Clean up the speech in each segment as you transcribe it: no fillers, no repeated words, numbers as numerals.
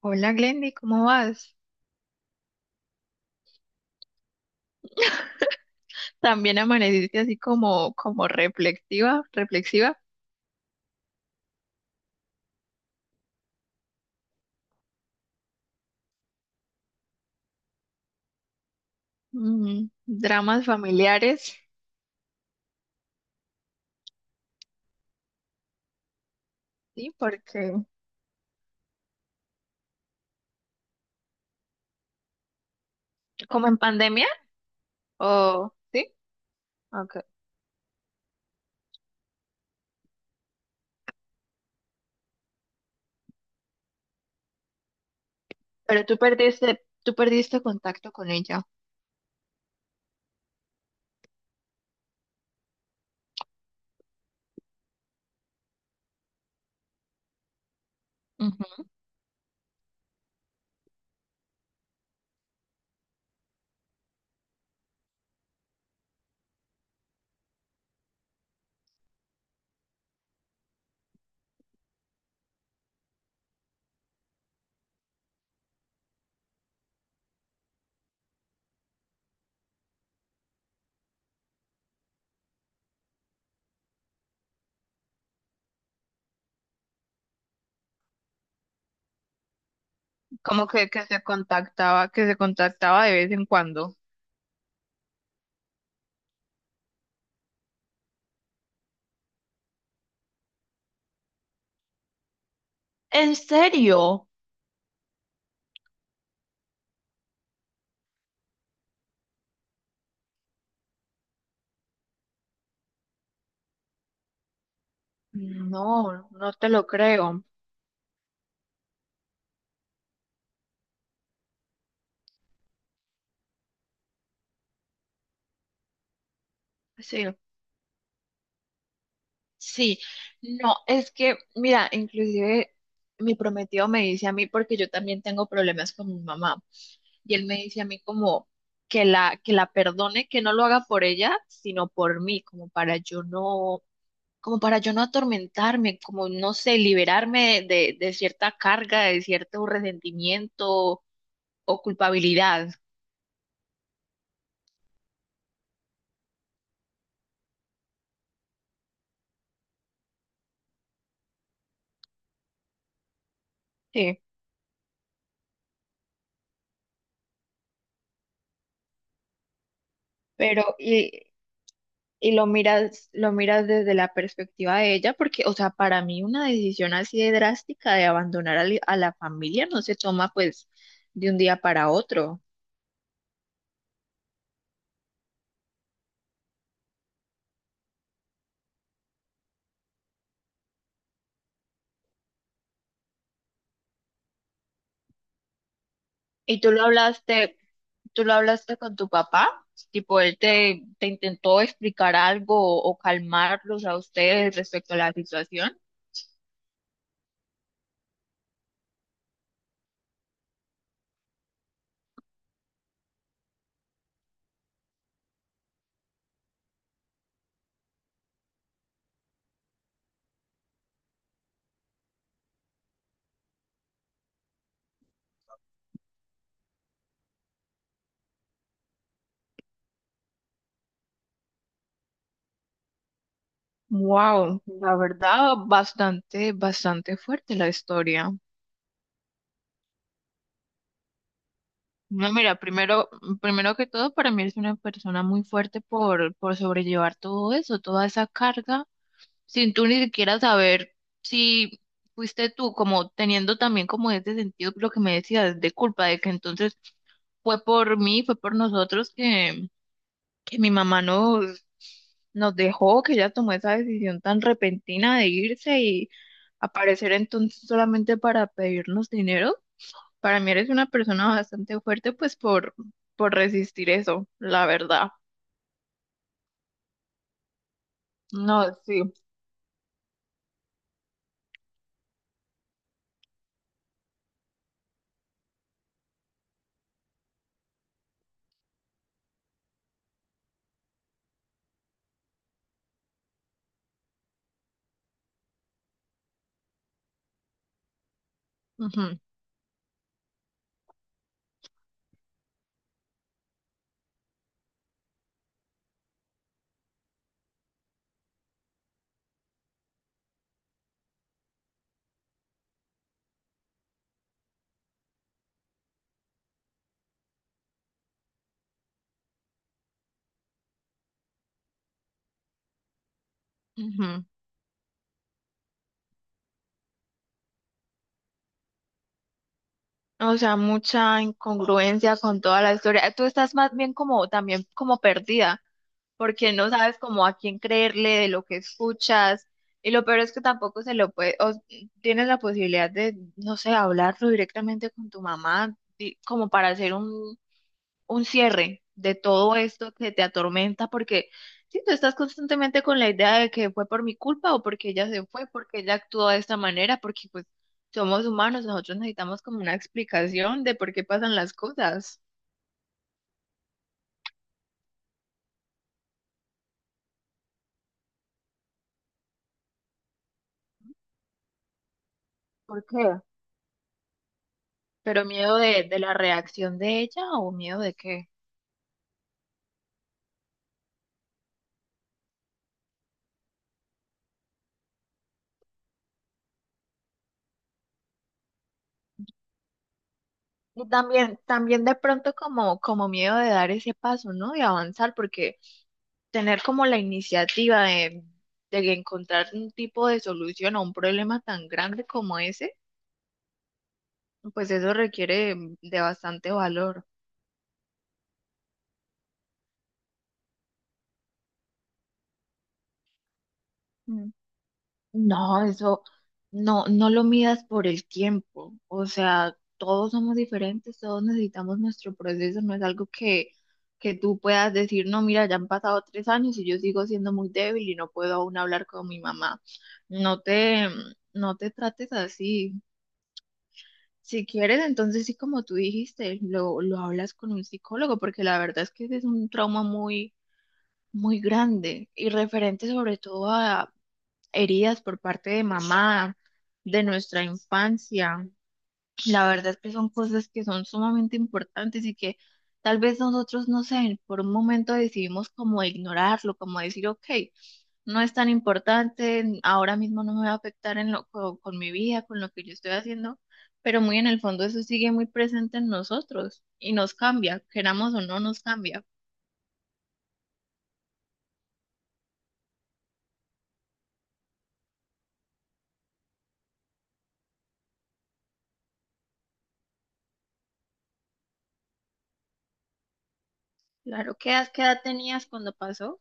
Hola Glendy, ¿cómo vas? También amaneciste así como reflexiva, reflexiva. Dramas familiares, ¿sí? Porque como en pandemia, o sí, okay. Pero tú perdiste contacto con ella. Ujú. Como que se contactaba de vez en cuando. ¿En serio? No, no te lo creo. Sí. Sí, no, es que, mira, inclusive mi prometido me dice a mí, porque yo también tengo problemas con mi mamá, y él me dice a mí como que la perdone, que no lo haga por ella, sino por mí, como para yo no atormentarme, como no sé, liberarme de cierta carga, de cierto resentimiento o culpabilidad. Sí, pero y lo miras desde la perspectiva de ella, porque, o sea, para mí una decisión así de drástica de abandonar a la familia no se toma pues de un día para otro. Y tú lo hablaste con tu papá, tipo, él te intentó explicar algo o calmarlos a ustedes respecto a la situación. Wow, la verdad, bastante, bastante fuerte la historia. No, mira, primero que todo, para mí eres una persona muy fuerte por sobrellevar todo eso, toda esa carga, sin tú ni siquiera saber si fuiste tú, como teniendo también como ese sentido, lo que me decías, de culpa, de que entonces fue por mí, fue por nosotros que mi mamá nos dejó, que ella tomó esa decisión tan repentina de irse y aparecer entonces solamente para pedirnos dinero. Para mí eres una persona bastante fuerte, pues por resistir eso, la verdad. No, sí. Ujú, ujú. O sea, mucha incongruencia con toda la historia. Tú estás más bien como también como perdida, porque no sabes como a quién creerle de lo que escuchas. Y lo peor es que tampoco se lo puede, o tienes la posibilidad de, no sé, hablarlo directamente con tu mamá, como para hacer un cierre de todo esto que te atormenta, porque si tú estás constantemente con la idea de que fue por mi culpa o porque ella se fue, porque ella actuó de esta manera, porque pues somos humanos, nosotros necesitamos como una explicación de por qué pasan las cosas. ¿Por qué? Pero miedo de la reacción de ella o miedo de qué. Y también de pronto como miedo de dar ese paso, ¿no? Y avanzar, porque tener como la iniciativa de encontrar un tipo de solución a un problema tan grande como ese, pues eso requiere de bastante valor. Mm. No, eso no, no lo midas por el tiempo. O sea, todos somos diferentes, todos necesitamos nuestro proceso. No es algo que tú puedas decir, no, mira, ya han pasado 3 años y yo sigo siendo muy débil y no puedo aún hablar con mi mamá. No te, no te trates así. Si quieres, entonces sí, como tú dijiste, lo hablas con un psicólogo, porque la verdad es que ese es un trauma muy, muy grande y referente sobre todo a heridas por parte de mamá, de nuestra infancia. La verdad que son cosas que son sumamente importantes y que tal vez nosotros, no sé, por un momento decidimos como ignorarlo, como decir, ok, no es tan importante, ahora mismo no me va a afectar con mi vida, con lo que yo estoy haciendo, pero muy en el fondo eso sigue muy presente en nosotros y nos cambia, queramos o no, nos cambia. Claro, qué edad tenías cuando pasó?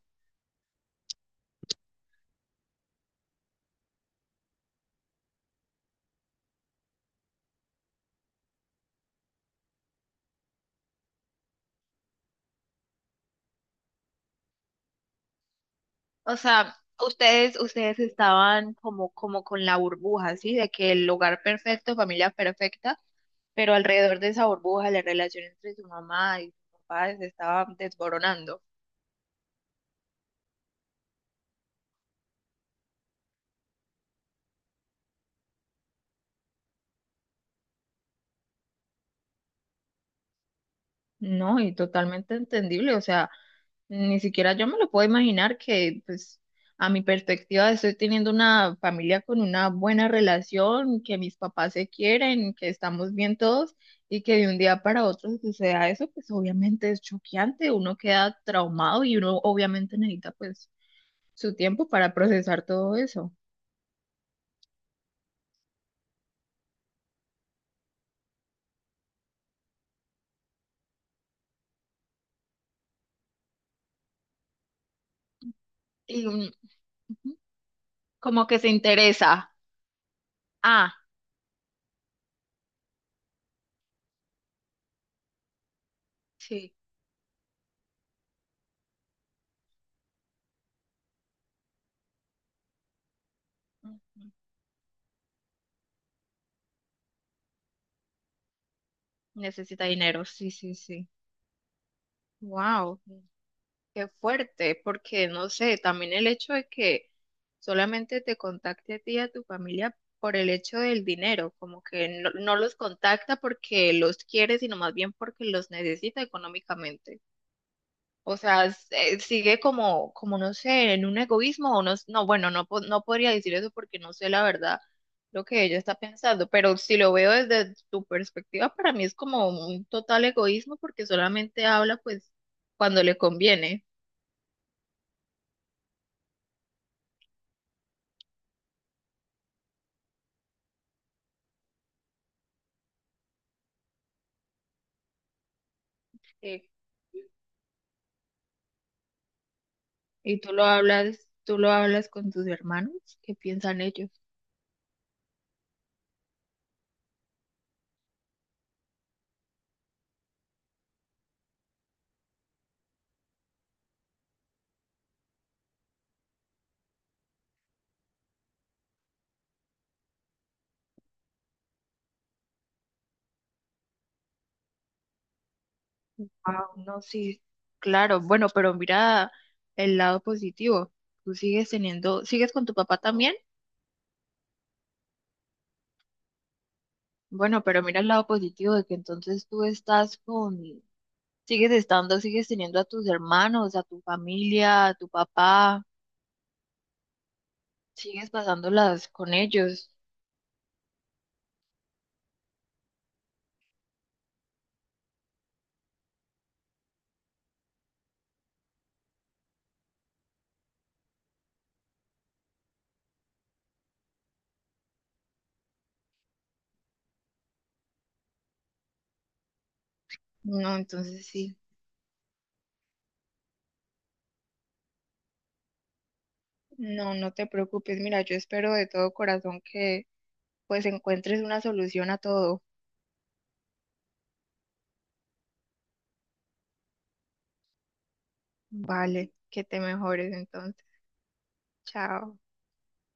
O sea, ustedes estaban como con la burbuja, ¿sí? De que el hogar perfecto, familia perfecta. Pero alrededor de esa burbuja, la relación entre su mamá y su papá se estaba desboronando. No, y totalmente entendible, o sea, ni siquiera yo me lo puedo imaginar que, pues, a mi perspectiva estoy teniendo una familia con una buena relación, que mis papás se quieren, que estamos bien todos y que de un día para otro suceda eso, pues obviamente es choqueante, uno queda traumado y uno obviamente necesita, pues, su tiempo para procesar todo eso. Y como que se interesa. Ah, sí. Ujú. Necesita dinero, sí, sí, sí. Wow, qué fuerte, porque no sé, también el hecho de que solamente te contacte a ti y a tu familia por el hecho del dinero, como que no, no los contacta porque los quiere, sino más bien porque los necesita económicamente. O sea, sigue como no sé, en un egoísmo o no, no, bueno, no, no podría decir eso porque no sé la verdad lo que ella está pensando, pero si lo veo desde tu perspectiva, para mí es como un total egoísmo porque solamente habla pues cuando le conviene. Sí. Y tú lo hablas con tus hermanos, ¿qué piensan ellos? Ah, no, sí, claro, bueno, pero mira el lado positivo, tú sigues teniendo, ¿sigues con tu papá también? Bueno, pero mira el lado positivo de que entonces tú sigues estando, sigues teniendo a tus hermanos, a tu familia, a tu papá, sigues pasándolas con ellos. No, entonces sí, no, no te preocupes. Mira, yo espero de todo corazón que pues encuentres una solución a todo. Vale, que te mejores entonces. Chao.